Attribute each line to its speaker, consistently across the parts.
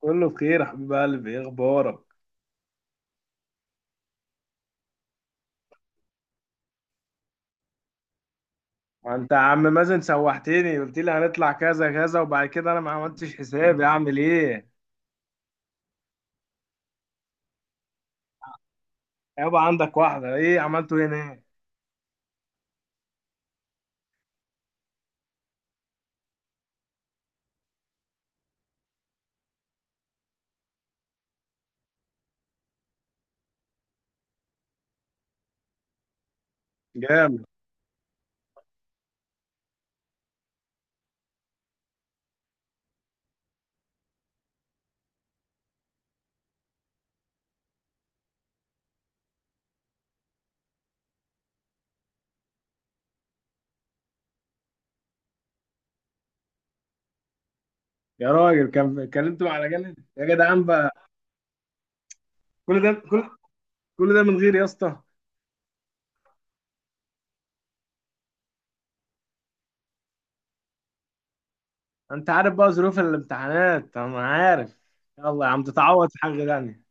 Speaker 1: كله بخير يا حبيب قلبي، ايه اخبارك؟ ما انت يا عم مازن سوحتني، قلت لي هنطلع كذا كذا وبعد كده انا ما عملتش حسابي. اعمل ايه؟ يابا عندك واحده، ايه عملته هنا؟ ايه؟ جامد. يا راجل، كان اتكلمتوا على جنب يا جدعان بقى. كل ده كل كل ده من غير يا اسطى؟ انت عارف بقى ظروف الامتحانات، انا عارف. يلا يا عم، تتعوض في حاجه تانيه.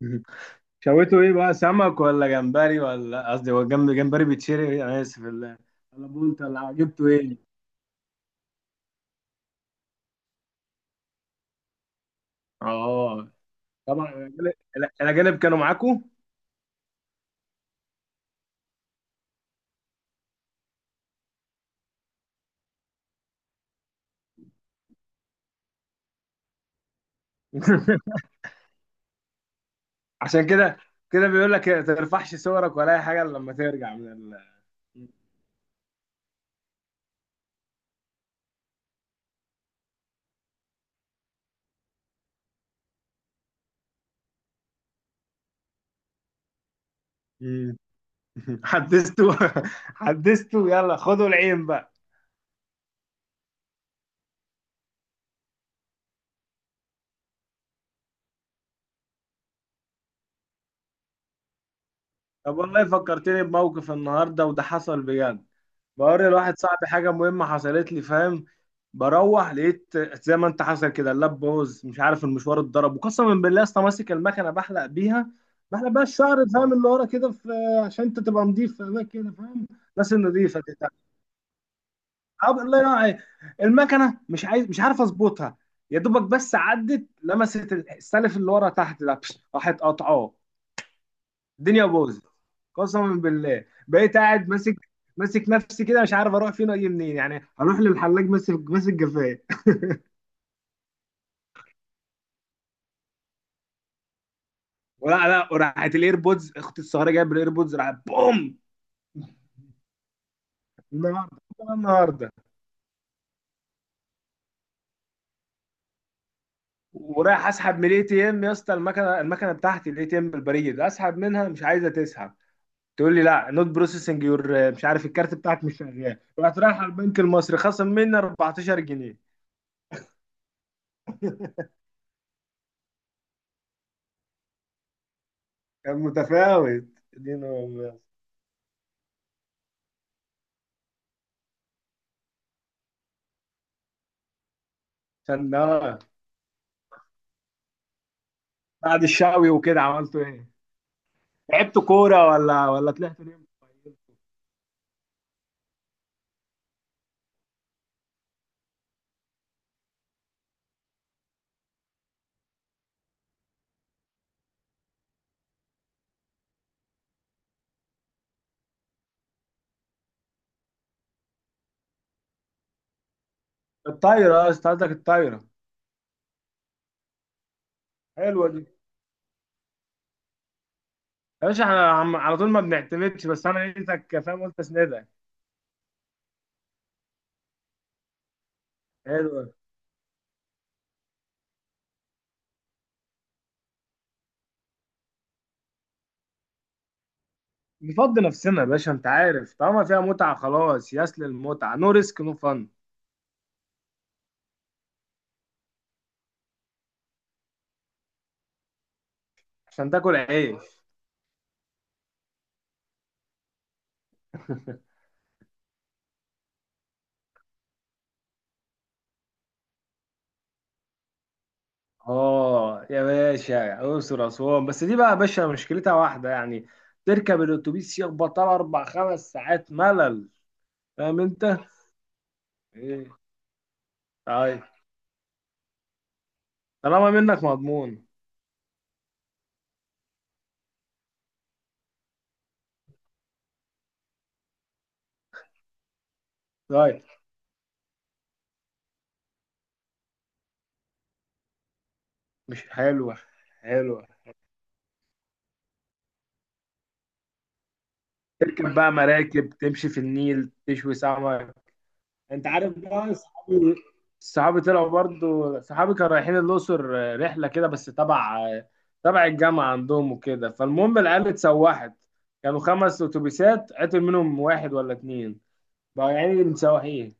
Speaker 1: شويته ايه بقى؟ سمك ولا جمبري ولا، قصدي هو جنب جمبري بيتشري، انا اسف، ولا بولت ولا جبته ايه؟ اه، طبعا الأجانب. الأجانب كانوا معاكوا؟ عشان كده، كده بيقول لك ما ترفعش صورك ولا اي حاجه إلا لما ترجع من ال-. مم. حدثته. حدثته، يلا خدوا العين بقى. طب والله، فكرتني بموقف النهارده، وده حصل بجد. بوري لواحد صاحبي حاجة مهمة حصلت لي، فاهم؟ بروح لقيت، زي ما انت حصل كده، اللاب بوظ، مش عارف المشوار اتضرب، وقسما بالله اصلا ماسك المكنة بحلق بيها الشعر، فاهم؟ اللي ورا كده، في عشان انت تبقى نضيف في اماكن كده، فاهم؟ الناس النضيفة دي بتاع. الله ينور عليك. المكنة مش عارف اظبطها. يا دوبك بس عدت لمست السلف اللي ورا تحت ده، راحت قاطعاه. الدنيا باظت. قسما بالله بقيت قاعد ماسك ماسك نفسي كده، مش عارف اروح فين واجي منين. يعني هروح للحلاق ماسك جفايه. ولا لا، وراحت الايربودز، اختي الصغيره جايب الايربودز راحت بوم. النهارده، النهارده، ورايح اسحب من الاي تي ام يا اسطى، المكنه بتاعتي، الاي تي ام البريد، اسحب منها مش عايزه تسحب. تقول لي لا نوت بروسيسنج يور، مش عارف، الكارت بتاعك مش شغال. رحت رايح على البنك المصري، خصم مني 14 جنيه. كان متفاوت. دين امي. عشان ده، بعد الشاوي وكده عملتوا ايه؟ لعبتوا كوره ولا طلعتوا ليه؟ الطايره، اه. أنت قصدك الطايره. حلوه دي. يا باشا، احنا على طول ما بنعتمدش، بس انا لقيتك فاهم، قلت اسندك. حلوه. نفضي نفسنا يا باشا، انت عارف طالما فيها متعه، خلاص ياس للمتعه، نو ريسك نو فن. عشان تاكل عيش. اه يا باشا، اقصر اسوان، بس دي بقى يا باشا مشكلتها واحده يعني. تركب الاتوبيس يخبط على اربع خمس ساعات، ملل. فاهم انت؟ ايه؟ طيب. طالما منك مضمون. طيب. مش حلوة. حلوة. تركب بقى مراكب، تمشي في النيل، تشوي سمك. انت عارف بقى صحابي. صحابي طلعوا برضو، صحابي كانوا رايحين الأقصر رحلة كده، بس تبع الجامعة عندهم وكده. فالمهم العيال اتسوحت، كانوا خمس أتوبيسات، عطل منهم واحد ولا اتنين، بقى يعني متسوحين.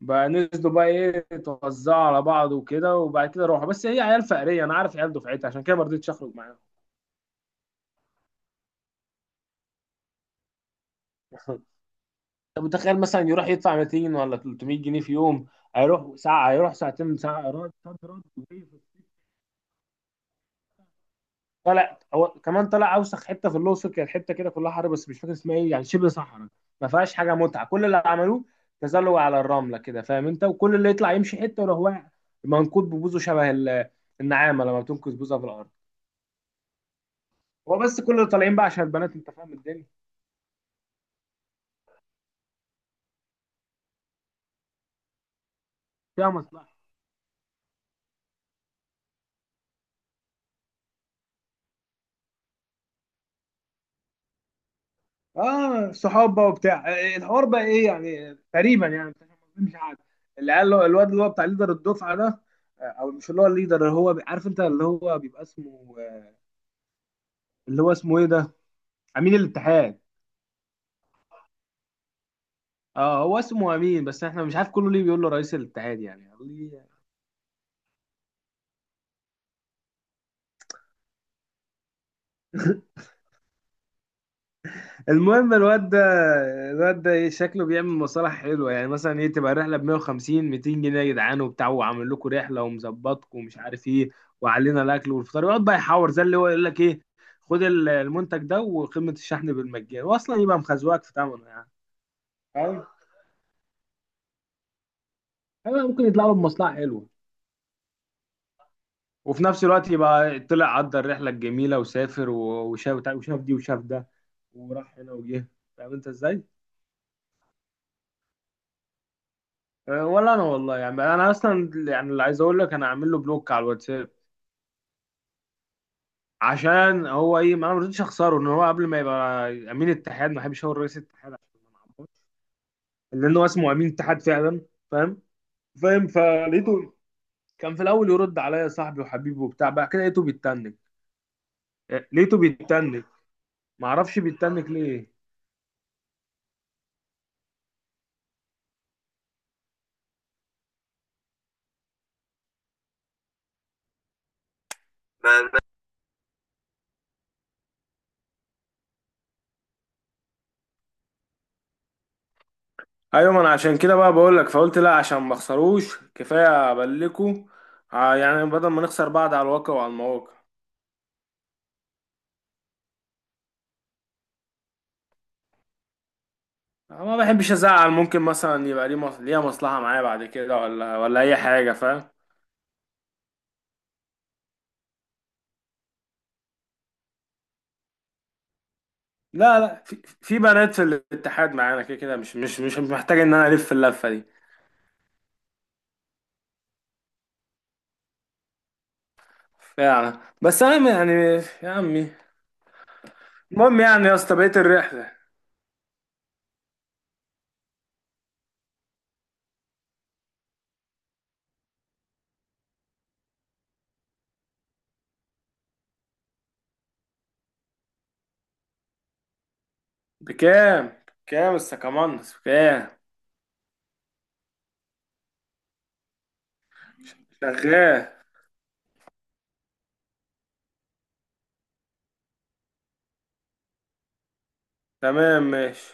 Speaker 1: بقى نزلوا، بقى ايه، توزعوا على بعض وكده، وبعد كده روحوا. بس هي عيال فقرية، أنا عارف عيال دفعتي، عشان كده ما رضيتش أخرج معاهم. انت متخيل مثلا يروح يدفع 200 ولا 300 جنيه في يوم؟ هيروح ساعه، هيروح ساعتين، ساعه رد صد رد وجاي طلع هو كمان، طلع اوسخ حته في الاقصر، كانت حته كده كلها حر بس مش فاكر اسمها ايه، يعني شبه صحراء. ما فيهاش حاجه متعه، كل اللي عملوه تزلج على الرمله كده، فاهم انت؟ وكل اللي يطلع يمشي حته ويروح واقع منكوب ببوزه شبه النعامه لما بتنكس بوزها في الارض. هو بس كل اللي طالعين بقى عشان البنات، انت فاهم الدنيا، فيها مصلحه. اه صحاب بقى وبتاع، الحوار بقى ايه يعني، تقريبا يعني أنت فاهم قصدي؟ مش عارف. العيال الواد اللي هو بتاع ليدر الدفعه ده، او مش اللي هو الليدر، اللي هو عارف انت، اللي هو بيبقى اسمه اللي هو اسمه ايه ده، امين الاتحاد. اه هو اسمه امين، بس احنا مش عارف كله ليه بيقول له رئيس الاتحاد يعني. ليه؟ المهم الواد ده. الواد ده ايه شكله بيعمل مصالح حلوه، يعني مثلا ايه، تبقى الرحله ب 150 200 جنيه يا جدعان وبتاع، وعامل لكم رحله ومظبطكم ومش عارف ايه، وعلينا الاكل والفطار، يقعد بقى يحور زي اللي هو يقول لك ايه، خد المنتج ده وقيمه الشحن بالمجان، واصلا يبقى مخزوقك في ثمنه يعني. فاهم؟ أيوة، ممكن يطلع له بمصلحه حلوه، وفي نفس الوقت يبقى طلع، عدى الرحله الجميله، وسافر وشاف دي وشاف ده، وراح هنا وجه. فاهم انت ازاي؟ أه، ولا انا والله، يعني انا اصلا يعني، اللي عايز اقول لك، انا عامل له بلوك على الواتساب. عشان هو ايه، ما انا ما رضيتش اخسره، ان هو قبل ما يبقى امين اتحاد، ما بحبش اقول رئيس اتحاد عشان ما نعمرش، لان هو اسمه امين اتحاد فعلا. فاهم؟ فاهم، فلقيته كان في الاول يرد عليا صاحبي وحبيبي وبتاع، بعد كده لقيته بيتنك. أه، لقيته بيتنك، ما اعرفش بيتنك ليه. ايوه، ما انا عشان كده بقى بقول لك، فقلت لا، عشان ما اخسروش كفايه ابلكوا، يعني بدل ما نخسر بعض على الواقع وعلى المواقع. ما بحبش ازعل، ممكن مثلا يبقى ليه ليها مصلحة معايا بعد كده ولا اي حاجة، فاهم؟ لا لا، في بنات في الاتحاد معانا كده كده، مش محتاج ان انا الف اللفة دي يعني. بس انا يعني، يا عمي، المهم يعني يا اسطى، بقيت الرحلة، بكام السكامانس، بكام؟ شغال. تمام ماشي.